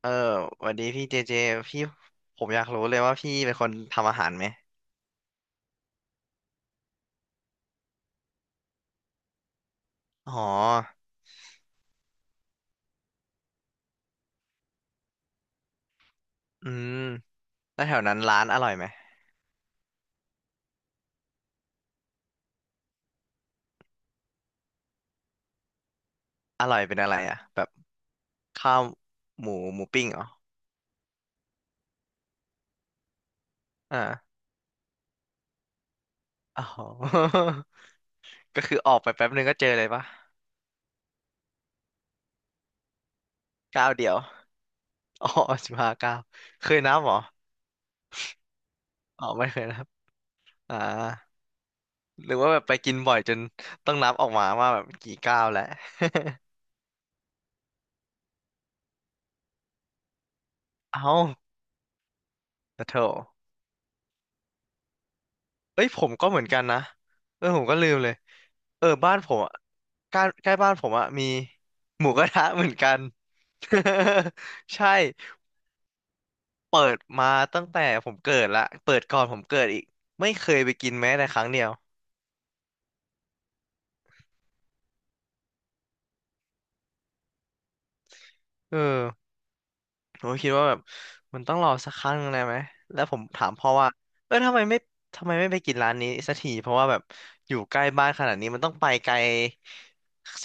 เออสวันนี้พี่เจเจพี่ผมอยากรู้เลยว่าพี่เป็นคนทำอาหารไหมอ๋ออืมแล้วแถวนั้นร้านอร่อยไหมอร่อยเป็นอะไรอ่ะแบบข้าวหมูหมูปิ้งเหรออ่าอ๋อ ก็คือออกไปแป๊บนึงก็เจอเลยปะก้าวเดียวอ๋อ15 ก้าวเคยนับเหรออ๋อไม่เคยนับอ่าหรือว่าแบบไปกินบ่อยจนต้องนับออกมาว่าแบบกี่ก้าวแล้ว เอ้าแล้วโถ เอ้ยผมก็เหมือนกันนะเออผมก็ลืมเลยเออบ้านผมอะใกล้ใกล้บ้านผมอะมีหมูกระทะเหมือนกัน ใช่เปิดมาตั้งแต่ผมเกิดละเปิดก่อนผมเกิดอีกไม่เคยไปกินแม้แต่ครั้งเดียวเออ ผมก็คิดว่าแบบมันต้องรอสักครั้งหนึ่งเลยไหมแล้วผมถามพ่อว่าเออทำไมไม่ไปกินร้านนี้สักทีเพราะว่าแบบอยู่ใกล้บ้านขนาดนี้มันต้องไปไกล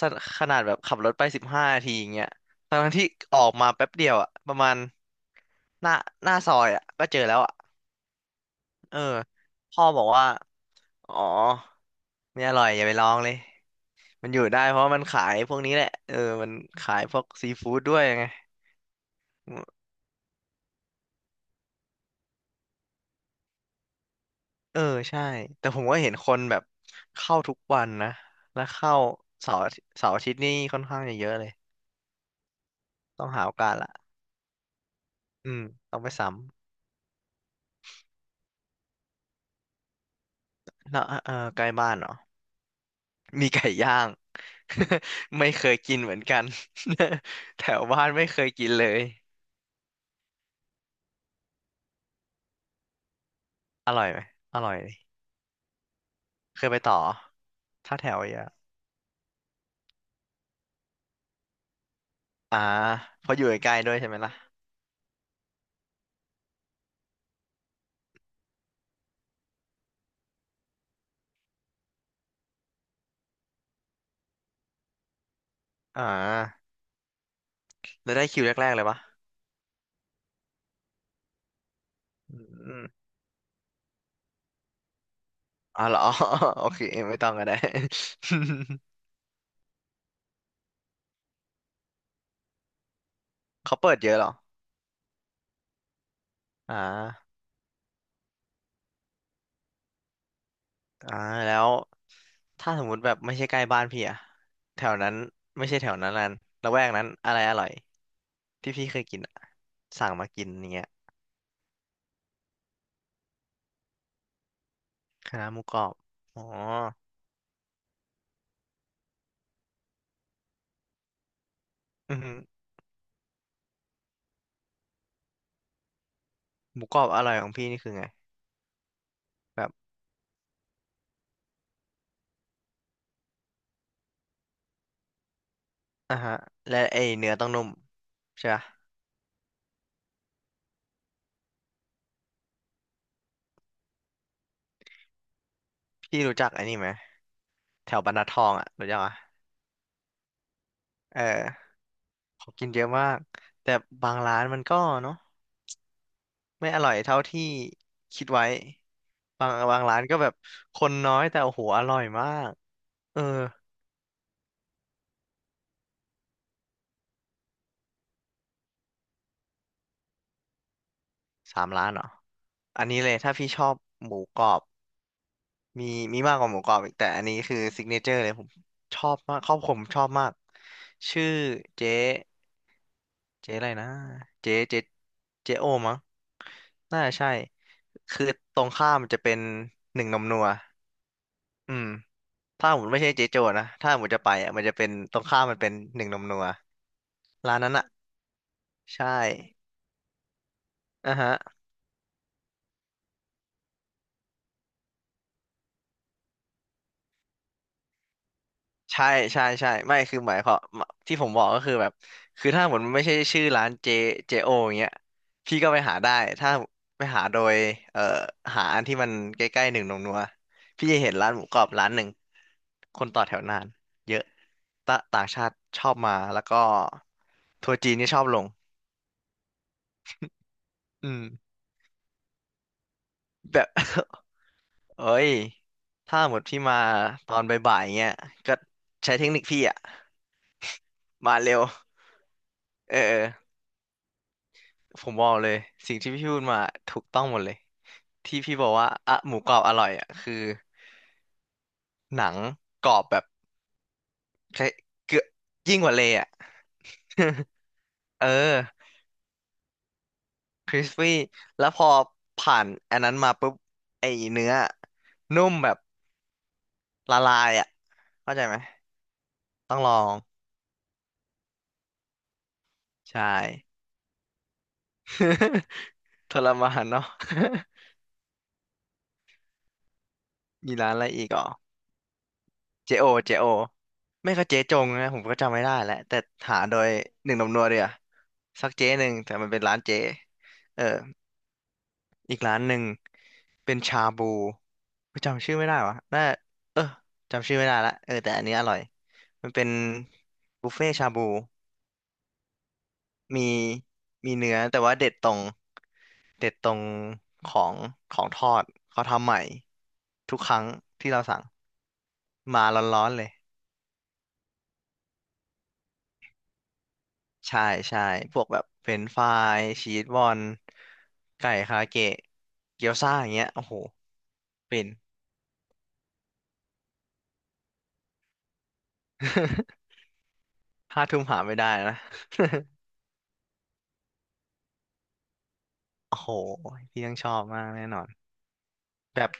สขนาดแบบขับรถไป15 นาทีอย่างเงี้ยทั้งๆที่ออกมาแป๊บเดียวอะประมาณหน้าหน้าซอยอะก็เจอแล้วอะเออพ่อบอกว่าอ๋อไม่อร่อยอย่าไปลองเลยมันอยู่ได้เพราะว่ามันขายพวกนี้แหละเออมันขายพวกซีฟู้ดด้วยไง เออใช่แต่ผมก็เห็นคนแบบเข้าทุกวันนะแล้วเข้าเสาร์อาทิตย์เสาร์อาทิตย์นี่ค่อนข้างจะเยอะเลยต้องหาโอกาสละอืมต้องไปซ้ำแล้วเออใกล้บ้านเหรอมีไก่ย่าง ไม่เคยกินเหมือนกัน แถวบ้านไม่เคยกินเลยอร่อยไหมอร่อยดิเคยไปต่อถ้าแถวเยอะอ่าเพราะอยู่ใกล้ๆด้วยใช่ไหมล่ะอ่าแล้วได้คิวแรกๆเลยปะอืมอ๋อเหรอ โอเคไม่ต้องก็ได้ เขาเปิดเยอะเหรอ อ่าอ่าแล้วถ้าสมมุติแบบไม่ใช่ใกล้บ้านพี่อะแถวนั้นไม่ใช่แถวนั้นละแวกนั้นอะไรอร่อยที่พี่เคยกินอะสั่งมากินอย่างเงี้ยคณะหมูกรอบอ๋ออือหือหมูกรอบอร่อยของพี่นี่คือไงแบบอ่าฮะและไอเนื้อต้องนุ่มใช่ปะพี่รู้จักไอ้นี่ไหมแถวบรรทัดทองอะรู้จักอะเออขากินเยอะมากแต่บางร้านมันก็เนาะไม่อร่อยเท่าที่คิดไว้ บางร้านก็แบบคนน้อยแต่โอ้โหอร่อยมากเออสามร้านเหรออันนี้เลยถ้าพี่ชอบหมูกรอบมีมีมากกว่าหมูกรอบอีกแต่อันนี้คือซิกเนเจอร์เลยผมชอบมากครอบครัวผมชอบมากชื่อเจ๊เจ๊อะไรนะเจ๊เจ๊โอมั้งน่าจะใช่คือตรงข้ามมันจะเป็นหนึ่งนมนัวอืมถ้าผมไม่ใช่เจ๊โจนะถ้าผมจะไปอ่ะมันจะเป็นตรงข้ามมันเป็นหนึ่งนมนัวร้านนั้นอ่ะใช่อ่ะฮะ ใช่ใช่ใช่ไม่คือหมายความที่ผมบอกก็คือแบบคือถ้าหมดมันไม่ใช่ชื่อร้านเจโออย่างเงี้ยพี่ก็ไปหาได้ถ้าไปหาโดยเอ่อหาอันที่มันใกล้ๆหนึ่งหนงนัวพี่จะเห็นร้านหมูกรอบร้านหนึ่งคนต่อแถวนานเยอะตะต่างชาติชอบมาแล้วก็ทัวร์จีนก็ชอบลงอืมแบบ เอ้ยถ้าหมดพี่มาตอนบ่ายๆอย่างเงี้ยก็ใช้เทคนิคพี่อะมาเร็วเออ ผมบอกเลยสิ่งที่พี่พูดมาถูกต้องหมดเลยที่พี่บอกว่าอะหมูกรอบอร่อยอ่ะคือหนังกรอบแบบใช้เกือบยิ่งกว่าเลยอ่ะ เออคริสปี้แล้วพอผ่านอันนั้นมาปุ๊บไอ้เนื้อนุ่มแบบละลายอ่ะเข้าใจไหมต้องลองใช่ ทรมานเนาะ มีร้านอะไรอีกเหรอ เจโอไม่ก็เจ๊จงนะผมก็จำไม่ได้แล้วแต่หาโดยหนึ่งหนมนัวเดียสักเจ๊หนึ่งแต่มันเป็นร้านเจ๊เอออีกร้านหนึ่งเป็นชาบูจำชื่อไม่ได้วะน่าเออจำชื่อไม่ได้ละเออแต่อันนี้อร่อยมันเป็นบุฟเฟ่ชาบูมีมีเนื้อแต่ว่าเด็ดตรงของของทอดเขาทำใหม่ทุกครั้งที่เราสั่งมาร้อนๆเลย ใช่ใช่พวกแบบเฟรนช์ฟรายชีสบอลไก่คาเกะเกี๊ยวซ่าอย่างเงี้ยโอ้โหเป็น ห้าทุ่มหาไม่ได้นะ โอ้โหพี่ต้องชอบมากแน่นอนแบบ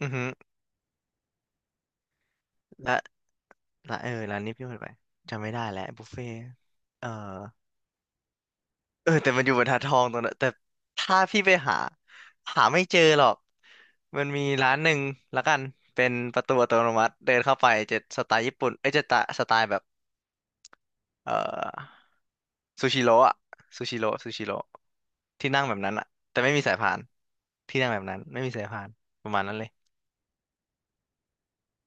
อือหือและและเออร้านนี้พี่เคยไปจำไม่ได้แล้วบุฟเฟ่เออเออแต่มันอยู่บรรทัดทองตรงนั้นแต่ถ้าพี่ไปหาหาไม่เจอหรอกมันมีร้านหนึ่งละกันเป็นประตูอัตโนมัติเดินเข้าไปจะสไตล์ญี่ปุ่นเอ้ยจะตะสไตล์แบบ เอ่อซูชิโร่อะซูชิโร่ซูชิโร่ที่นั่งแบบนั้นอะแต่ไม่มีสายพานที่นั่งแบบนั้นไม่มีสายพานประมาณนั้นเลย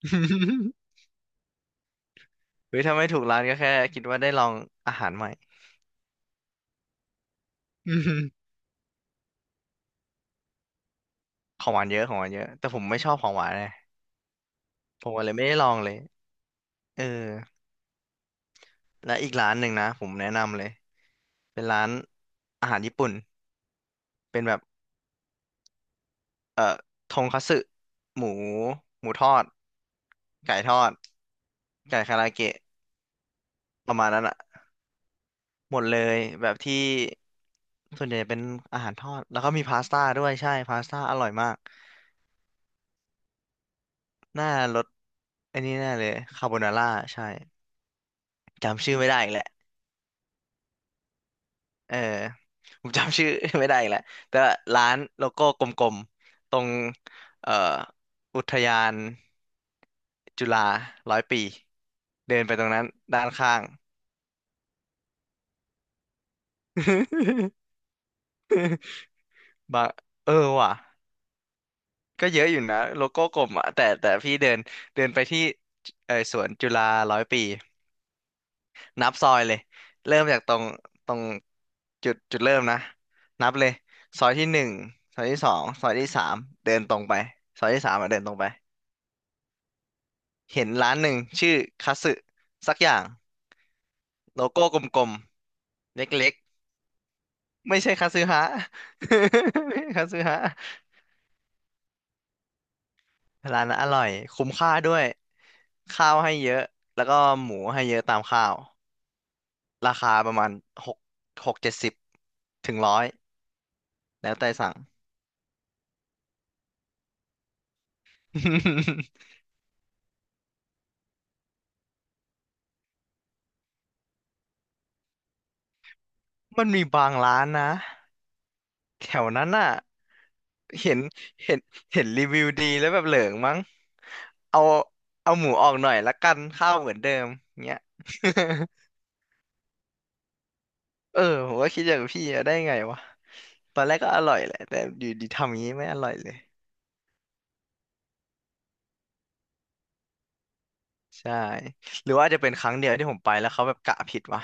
เฮ้ยถ้าไม่ถูกร้านก็แค่คิดว่าได้ลองอาหารใหม่อืมของหวานเยอะของหวานเยอะแต่ผมไม่ชอบของหวานเลยผมก็เลยไม่ได้ลองเลยเออและอีกร้านหนึ่งนะผมแนะนำเลยเป็นร้านอาหารญี่ปุ่นเป็นแบบเอ่อทงคัตสึหมูหมูทอดไก่ทอดไก่คาราเกะประมาณนั้นอะ หมดเลยแบบที่ส่วนใหญ่เป็นอาหารทอดแล้วก็มีพาสต้าด้วยใช่พาสต้าอร่อยมากหน้ารสอันนี้แน่เลยคาโบนาร่าใช่จำชื่อไม่ได้อีกแหละเออผมจำชื่อ ไม่ได้อีกแหละแต่ว่าร้านโลโก้กลมๆตรงเอ่ออุทยานจุฬาร้อยปีเดินไปตรงนั้นด้านข้าง บะเออว่ะ ก็เยอะอยู่นะโลโก้กลมอ่ะแต่พี่เดินเดินไปที่เออสวนจุฬาร้อยปีนับซอยเลยเริ่มจากตรงจุดเริ่มนะนับเลยซอยที่หนึ่งซอยที่สองซอยที่สามเดินตรงไปซอยที่สามอ่ะเดินตรงไปเห็นร้านหนึ่งชื่อคัตสึสักอย่างโลโก้กลมๆเล็กๆไม่ใช่คัตสึฮะ ไม่ใช่คัตสึฮะร้านนั้นอร่อยคุ้มค่าด้วยข้าวให้เยอะแล้วก็หมูให้เยอะตามข้าว ราคาประมาณหกหก70ถึงร้อยแล้วแต่สั่ง มันมีบางร้านนะแถวนั้นน่ะเห็นเห็นเห็นรีวิวดีแล้วแบบเหลิงมั้งเอาเอาหมูออกหน่อยละกันข้าวเหมือนเดิมเงี้ย เออผมก็คิดอย่างพี่อะได้ไงวะตอนแรกก็อร่อยแหละแต่อยู่ดีทำอย่างนี้ไม่อร่อยเลยใช่หรือว่าอาจจะเป็นครั้งเดียวที่ผมไปแล้วเขาแบบกะผิดวะ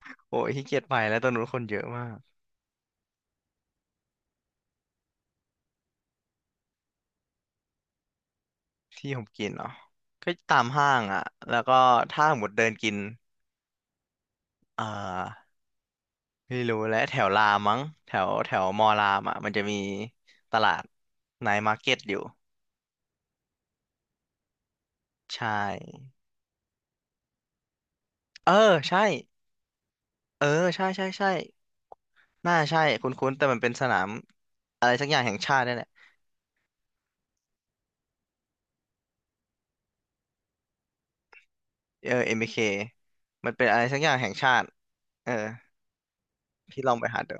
โอ้ยขี้เกียจไปแล้วตอนนู้นคนเยอะมาก ที่ผมกินเนาะก็ตามห้างอ่ะแล้วก็ถ้าหมดเดินกินเอ่อไม่รู้แหละแถวรามมั้งแถวแถวมอรามอ่ะมันจะมีตลาดไนท์มาร์เก็ตอยู่ใช่เออใช่เออใช่ใช่ใช่น่าใช่คุ้นๆแต่มันเป็นสนามอะไรสักอย่างแห่งชาตินี่นแหละเออMBKมันเป็นอะไรสักอย่างแห่งชาติเออพี่ลองไปหาดู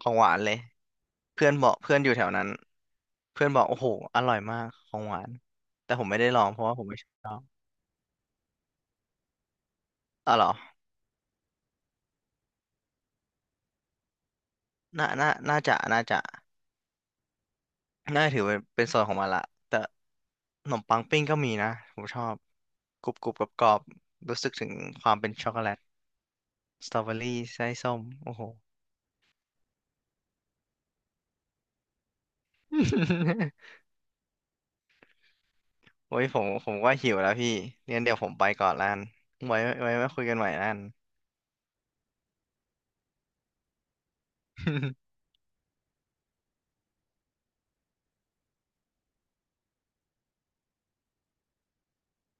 ของหวานเลย เพื่อนบอกเพื่อนอยู่แถวนั้นเพื่อนบอกโอ้โหอร่อยมากของหวานแต่ผมไม่ได้ลองเพราะว่าผมไม่ชอบอ๋อเหรอน่าจะน่าถือเป็นส่วนของมันละแต่ขนมปังปิ้งก็มีนะผมชอบกรุบกรุบกรอบกรอบๆรู้สึกถึงความเป็นช็อกโกแลตสตรอเบอรี่ไส้ส้มโอ้โห โอ้ยผมก็หิวแล้วพี่งั้นเดี๋ยวผมไปก่อนละกันไว้ไว้มาคุยกันใหม่ละกัน